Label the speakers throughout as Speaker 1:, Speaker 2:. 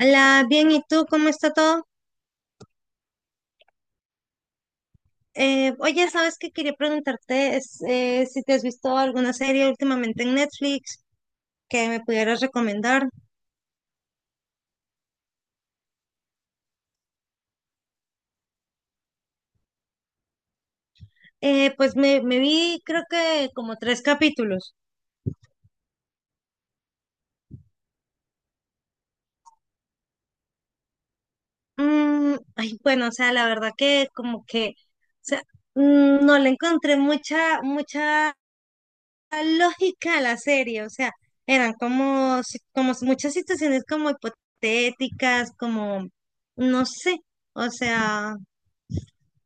Speaker 1: Hola, bien, ¿y tú cómo está todo? Oye, ¿sabes qué quería preguntarte? Si te has visto alguna serie últimamente en Netflix que me pudieras recomendar. Pues me vi creo que como tres capítulos. Ay, bueno, o sea, la verdad que como que, o sea, no le encontré mucha lógica a la serie, o sea, eran como, como muchas situaciones como hipotéticas, como, no sé, o sea...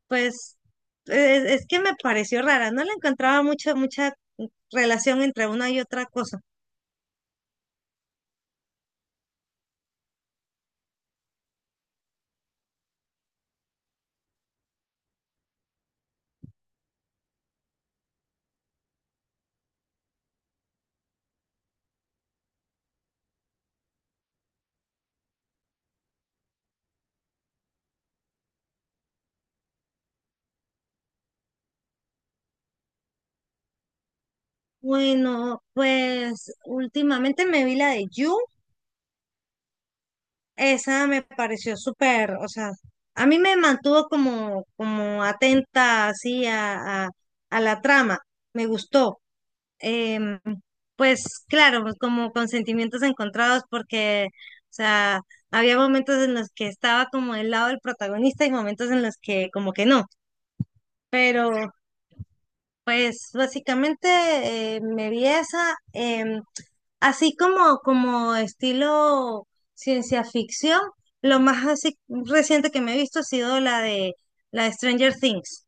Speaker 1: Pues que me pareció rara, no le encontraba mucha relación entre una y otra cosa. Bueno, pues últimamente me vi la de You, esa me pareció súper, o sea, a mí me mantuvo como, como atenta así a la trama, me gustó. Em, pues claro, pues, como con sentimientos encontrados porque, o sea, había momentos en los que estaba como del lado del protagonista y momentos en los que como que no. Pero pues básicamente me vi esa, así como, como estilo ciencia ficción, lo más así reciente que me he visto ha sido la de Stranger Things.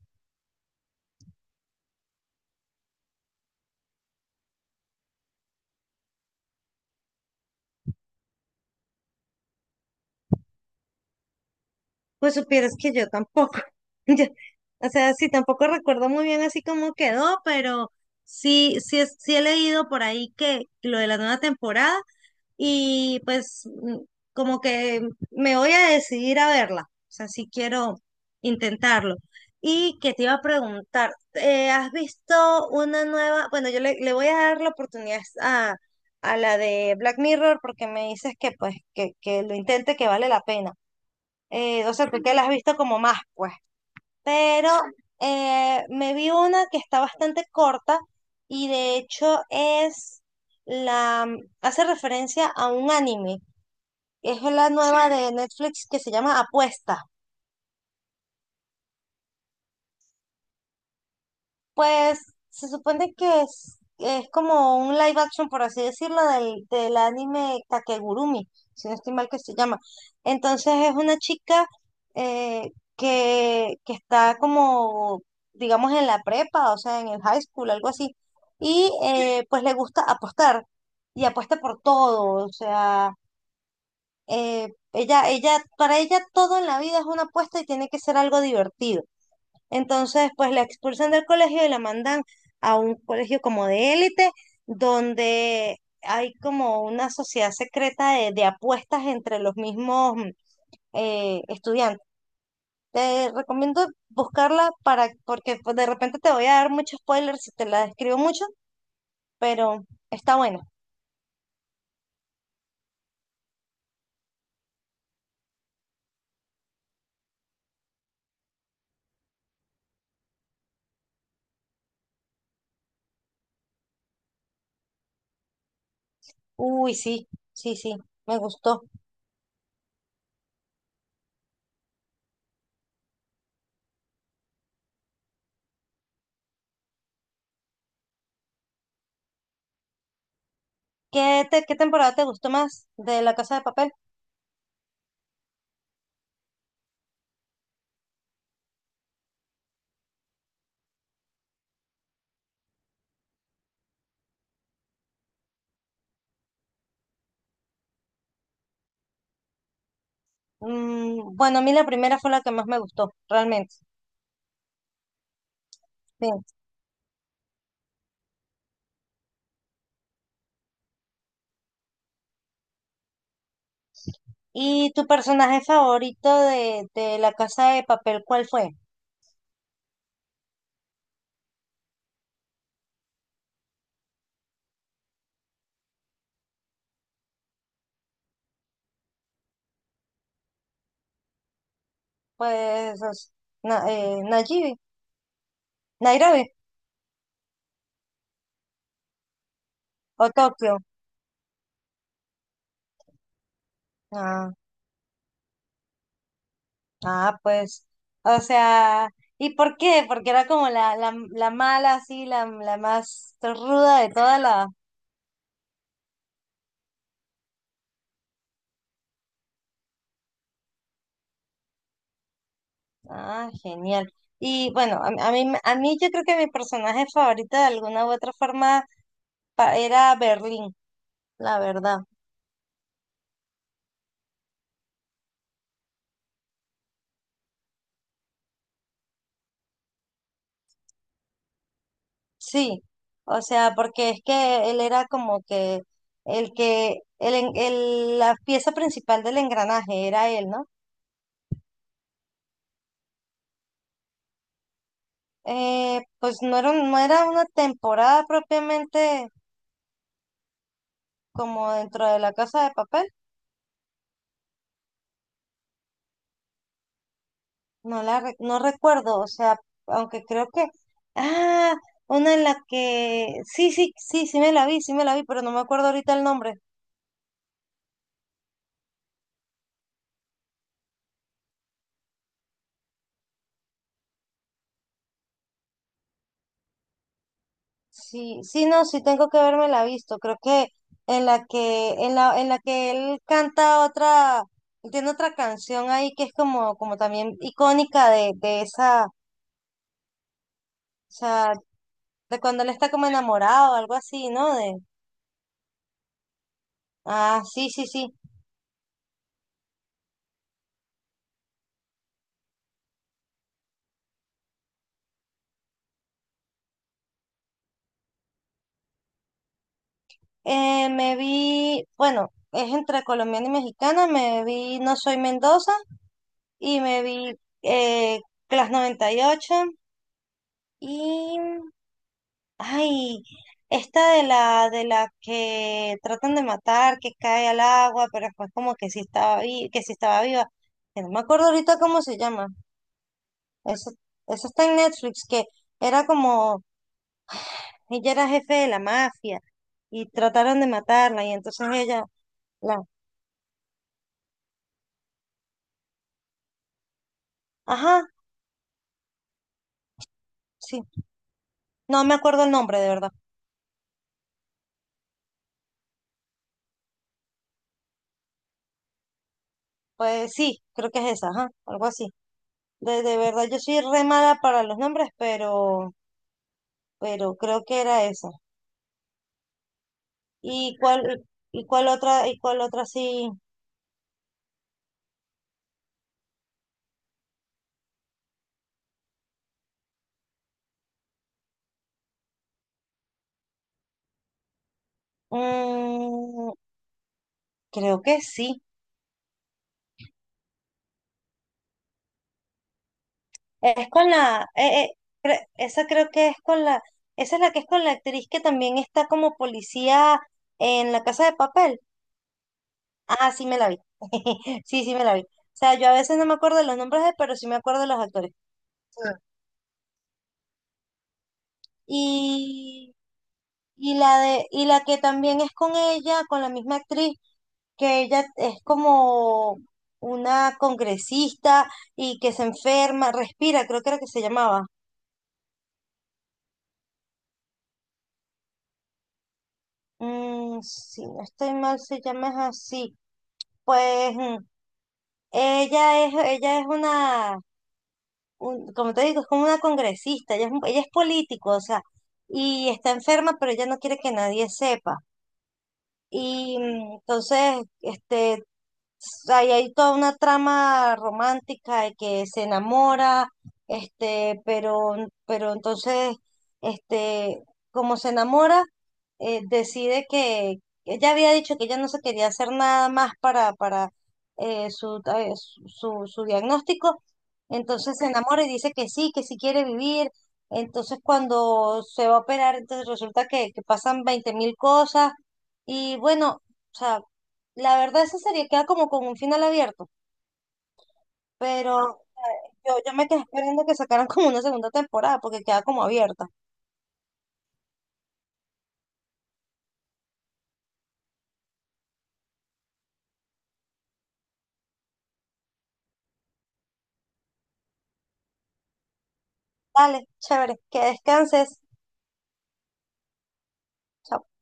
Speaker 1: Pues supieras que yo tampoco. yo- o sea, sí, tampoco recuerdo muy bien así cómo quedó, pero sí he leído por ahí que lo de la nueva temporada y pues como que me voy a decidir a verla, o sea, sí quiero intentarlo. Y que te iba a preguntar, ¿has visto una nueva? Bueno, yo le voy a dar la oportunidad a la de Black Mirror porque me dices que que lo intente, que vale la pena. O sea, tú que la has visto como más, pues pero me vi una que está bastante corta y de hecho es la, hace referencia a un anime. Es la nueva de Netflix que se llama Apuesta. Pues se supone que es como un live action, por así decirlo, del anime Kakegurumi, si no estoy mal que se llama. Entonces es una chica eh, que está como, digamos, en la prepa, o sea, en el high school, algo así. Y pues le gusta apostar, y apuesta por todo, o sea, eh, ella, para ella todo en la vida es una apuesta y tiene que ser algo divertido. Entonces, pues la expulsan del colegio y la mandan a un colegio como de élite, donde hay como una sociedad secreta de apuestas entre los mismos estudiantes. Te recomiendo buscarla para, porque pues, de repente te voy a dar muchos spoilers si te la describo mucho, pero está buena. Uy, sí, sí, sí, me gustó. ¿Qué, qué temporada te gustó más de La Casa de Papel? Bueno, a mí la primera fue la que más me gustó, realmente. Sí. ¿Y tu personaje favorito de La Casa de Papel, cuál fue? Pues es Nayibi, Nairobi o Tokio. Ah, ah, pues, o sea, ¿y por qué? Porque era como la mala, así, la más ruda de toda la... Ah, genial. Y bueno, a mí yo creo que mi personaje favorito de alguna u otra forma era Berlín, la verdad. Sí, o sea, porque es que él era como que la pieza principal del engranaje era él, ¿no? Pues no era, no era una temporada propiamente como dentro de la Casa de Papel, no recuerdo, o sea, aunque creo que, ah, una en la que, sí me la vi, sí me la vi, pero no me acuerdo ahorita el nombre. Sí, sí, no, sí tengo que verme la visto. Creo que en la que él canta otra, tiene otra canción ahí que es como, como también icónica de esa, o sea, de cuando él está como enamorado, algo así, ¿no? De, ah, sí, sí, sí. Me vi, bueno, es entre colombiana y mexicana, me vi No Soy Mendoza y me vi eh, Class 98 y ay, esta de la que tratan de matar, que cae al agua, pero después como que sí estaba que sí estaba viva. Que no me acuerdo ahorita cómo se llama. Eso, eso está en Netflix, que era como ella era jefe de la mafia y trataron de matarla y entonces ella la, ajá, sí. No me acuerdo el nombre de verdad. Pues sí, creo que es esa, ajá, algo así. De verdad yo soy re mala para los nombres, pero creo que era esa. ¿Y cuál, y cuál otra sí? Mm, Creo que sí. Es con la, esa creo que es con la, esa es la que es con la actriz que también está como policía en La Casa de Papel. Ah, sí me la vi. Sí, sí me la vi. O sea, yo a veces no me acuerdo de los nombres, pero sí me acuerdo de los actores. Ah. Y, y la de, y la que también es con ella, con la misma actriz, que ella es como una congresista y que se enferma, respira, creo que era que se llamaba. Si no estoy mal, se llama es así. Pues ella es una, como te digo, es como una congresista, ella es político, o sea, y está enferma, pero ella no quiere que nadie sepa. Y entonces, ahí hay toda una trama romántica de que se enamora, este, pero, pero entonces, este, como se enamora, decide que ella había dicho que ella no se quería hacer nada más para su diagnóstico, entonces se enamora y dice que sí quiere vivir, entonces cuando se va a operar, entonces resulta que pasan 20.000 cosas y bueno, o sea, la verdad, esa serie queda como con un final abierto, pero yo me quedé esperando que sacaran como una segunda temporada porque queda como abierta. Dale, chévere, que descanses. Chao.